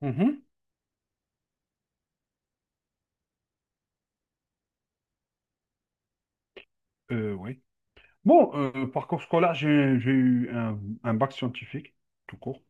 Mhm. Oui. Parcours scolaire, j'ai eu un bac scientifique, tout court.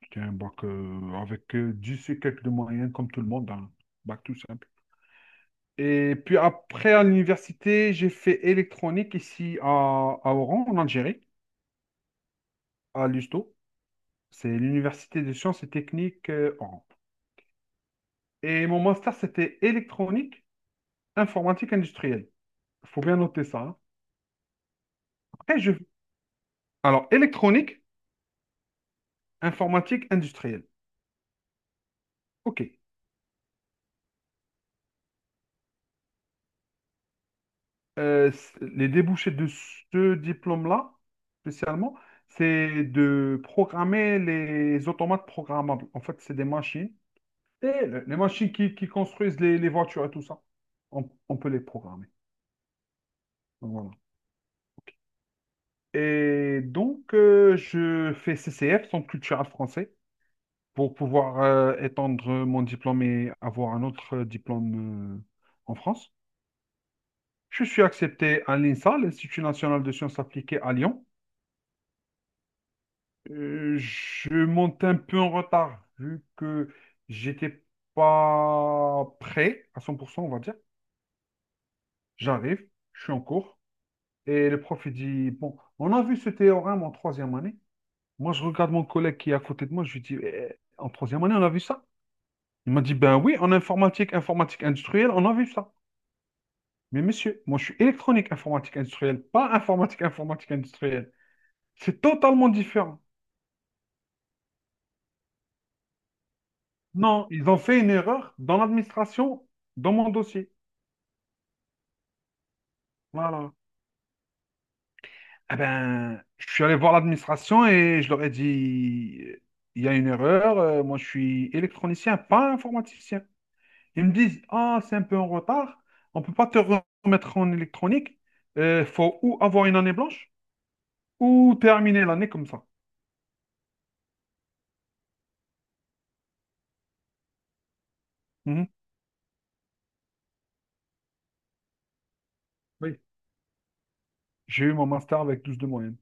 C'était un bac avec 10 et quelques de moyens, comme tout le monde, un bac tout simple. Et puis après, à l'université, j'ai fait électronique ici à Oran, en Algérie, à l'USTO. C'est l'université des sciences et techniques Oran. Et mon master, c'était électronique, informatique industrielle. Il faut bien noter ça, hein. Après, je... Alors, électronique, informatique industrielle. OK. Les débouchés de ce diplôme-là, spécialement, c'est de programmer les automates programmables. En fait, c'est des machines. Et les machines qui construisent les voitures et tout ça, on peut les programmer. Donc, voilà. Et donc, je fais CCF, Centre culturel français, pour pouvoir étendre mon diplôme et avoir un autre diplôme en France. Je suis accepté à l'INSA, l'Institut national de sciences appliquées à Lyon. Je monte un peu en retard, vu que j'étais pas prêt à cent pour cent, on va dire. J'arrive, je suis en cours, et le prof il dit, bon, on a vu ce théorème en troisième année. Moi, je regarde mon collègue qui est à côté de moi, je lui dis, eh, en troisième année, on a vu ça? Il m'a dit, ben oui, en informatique, informatique industrielle, on a vu ça. Mais monsieur, moi, je suis électronique, informatique industrielle, pas informatique, informatique industrielle. C'est totalement différent. Non, ils ont fait une erreur dans l'administration, dans mon dossier. Voilà. Eh ben, je suis allé voir l'administration et je leur ai dit, il y a une erreur, moi je suis électronicien, pas informaticien. Ils me disent, ah, c'est un peu en retard, on ne peut pas te remettre en électronique, il faut ou avoir une année blanche ou terminer l'année comme ça. Mhm. Oui. J'ai eu mon master avec 12 de moyenne.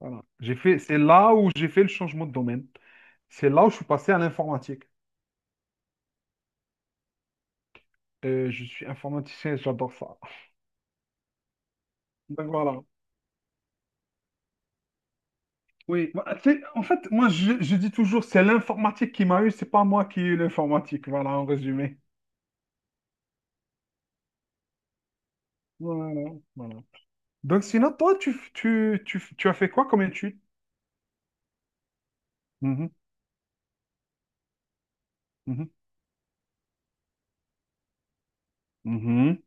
Voilà. J'ai fait, c'est là où j'ai fait le changement de domaine. C'est là où je suis passé à l'informatique. Je suis informaticien, et j'adore ça. Donc voilà. Oui, moi, tu en fait, moi, je dis toujours, c'est l'informatique qui m'a eu, c'est pas moi qui ai eu l'informatique. Voilà, en résumé. Voilà, voilà. Donc, sinon, toi, tu as fait quoi comme étude? Mhm, mhm, mhm.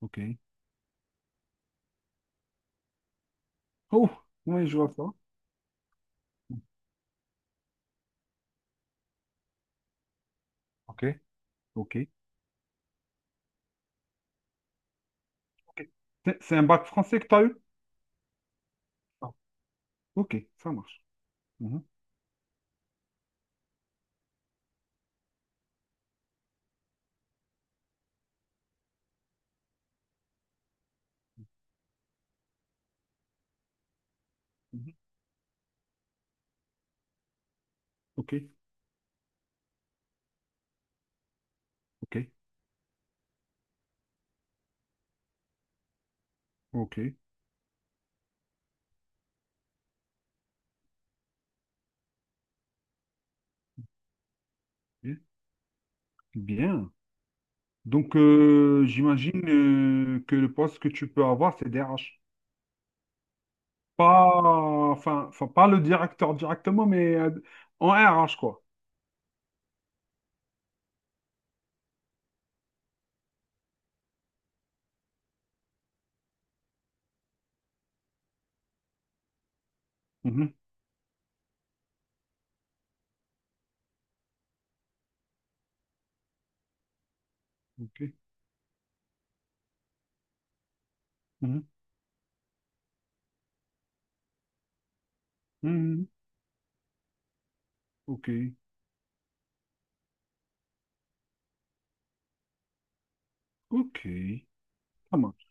Ok. Oh, oui, je vois ça. Ok, ok, ok. C'est un bac français que tu as eu? Ah, ok, ça marche. Mhm, mhm. Ok, ok, ok. Bien. Bien. Donc, j'imagine que le poste que tu peux avoir, c'est DRH. Pas, enfin, enfin, pas le directeur directement, mais en RH, quoi. Mhm. Ok. Mhm. Mhm. Ok. Ok. Ça marche.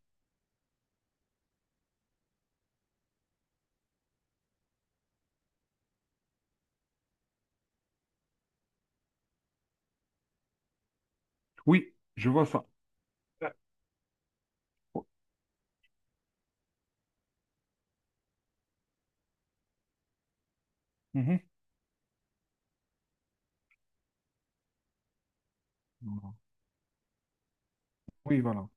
Oui, je vois ça. Euh, mhm. Voilà. Oui, voilà.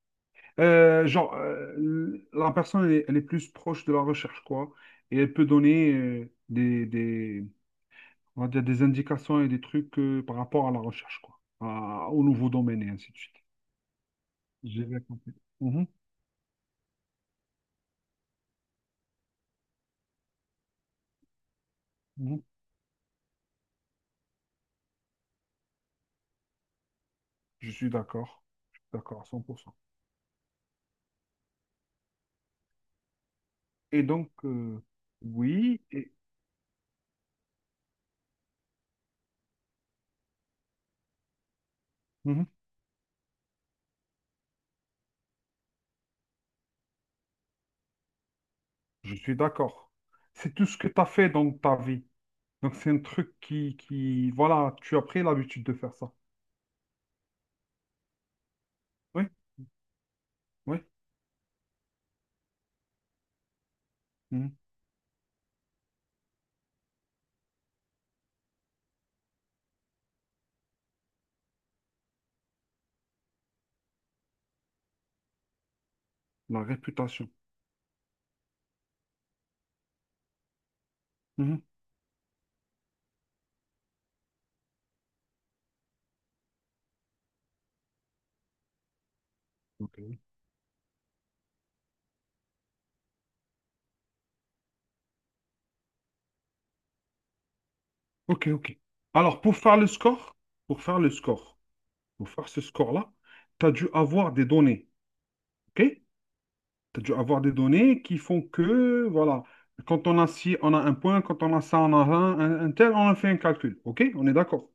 La personne, elle est plus proche de la recherche, quoi. Et elle peut donner on va dire des indications et des trucs par rapport à la recherche, quoi. Au nouveau domaine et ainsi de suite. J'ai bien compris. Mhm. Mhm. Je suis d'accord. Je suis d'accord à 100%. Et donc, oui, et- Mhm, je suis d'accord. C'est tout ce que tu as fait dans ta vie. Donc, c'est un truc voilà, tu as pris l'habitude de faire ça. Oui, oui, mhm. La réputation. Mhm. Ok, ok, ok. Alors, pour faire le score, pour faire le score, pour faire ce score-là, tu as dû avoir des données. OK? Tu as dû avoir des données qui font que, voilà, quand on a ci, on a un point, quand on a ça, on a un tel, on a fait un calcul. OK? On est d'accord.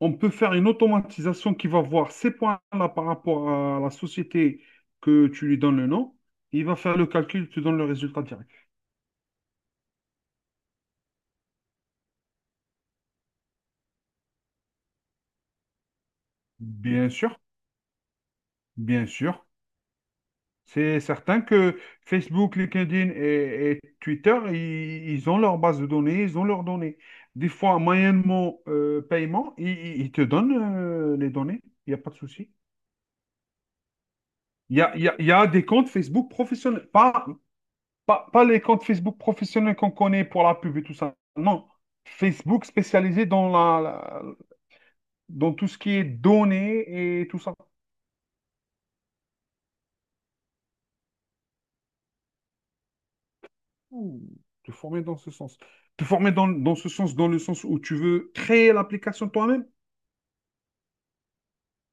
On peut faire une automatisation qui va voir ces points-là par rapport à la société que tu lui donnes le nom. Il va faire le calcul, tu donnes le résultat direct. Bien sûr, bien sûr. C'est certain que Facebook, LinkedIn et Twitter, ils ont leur base de données, ils ont leurs données. Des fois, moyennement paiement, ils te donnent les données. Il n'y a pas de souci. Il y a des comptes Facebook professionnels, pas, pas les comptes Facebook professionnels qu'on connaît pour la pub et tout ça. Non. Facebook spécialisé dans dans tout ce qui est données et tout ça. Ouh, te former dans ce sens. Te former dans ce sens, dans le sens où tu veux créer l'application toi-même.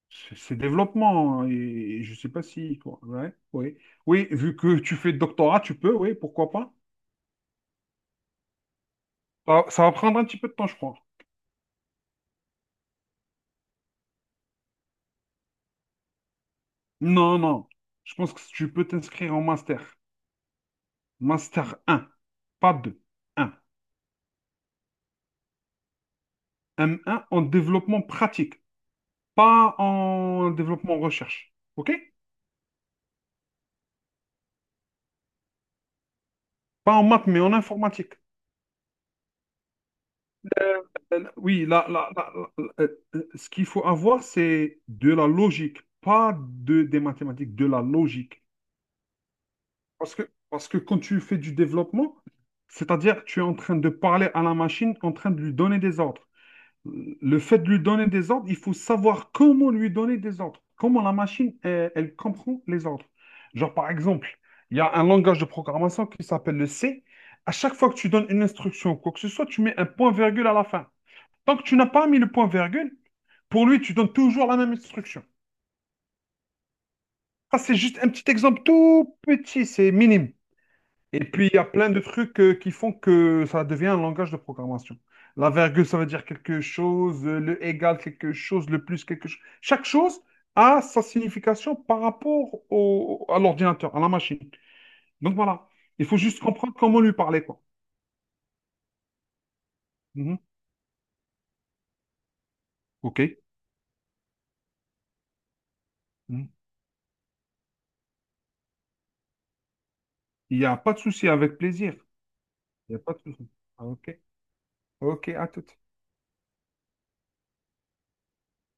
C'est développement, hein. Et, je sais pas si, quoi. Ouais, oui. Oui, vu que tu fais doctorat, tu peux, oui, pourquoi pas. Ça va prendre un petit peu de temps, je crois. Non, non. Je pense que tu peux t'inscrire en master. Master un pas 2. M1 en développement pratique, pas en développement recherche. OK? Pas en maths, mais en informatique. Oui, là, euh, ce qu'il faut avoir, c'est de la logique, pas des mathématiques, de la logique. Parce que, parce que quand tu fais du développement, c'est-à-dire tu es en train de parler à la machine, en train de lui donner des ordres. Le fait de lui donner des ordres, il faut savoir comment lui donner des ordres, comment la machine, elle comprend les ordres. Genre, par exemple, il y a un langage de programmation qui s'appelle le C. À chaque fois que tu donnes une instruction, quoi que ce soit, tu mets un point-virgule à la fin. Tant que tu n'as pas mis le point-virgule, pour lui, tu donnes toujours la même instruction. Ça, c'est juste un petit exemple tout petit, c'est minime. Et puis, il y a plein de trucs qui font que ça devient un langage de programmation. La virgule, ça veut dire quelque chose, le égal, quelque chose, le plus, quelque chose. Chaque chose a sa signification par rapport à l'ordinateur, à la machine. Donc voilà, il faut juste comprendre comment lui parler, quoi. Mhm. OK. Mhm. Il n'y a pas de souci, avec plaisir. Il n'y a pas de souci. Ah, OK. OK, à tout.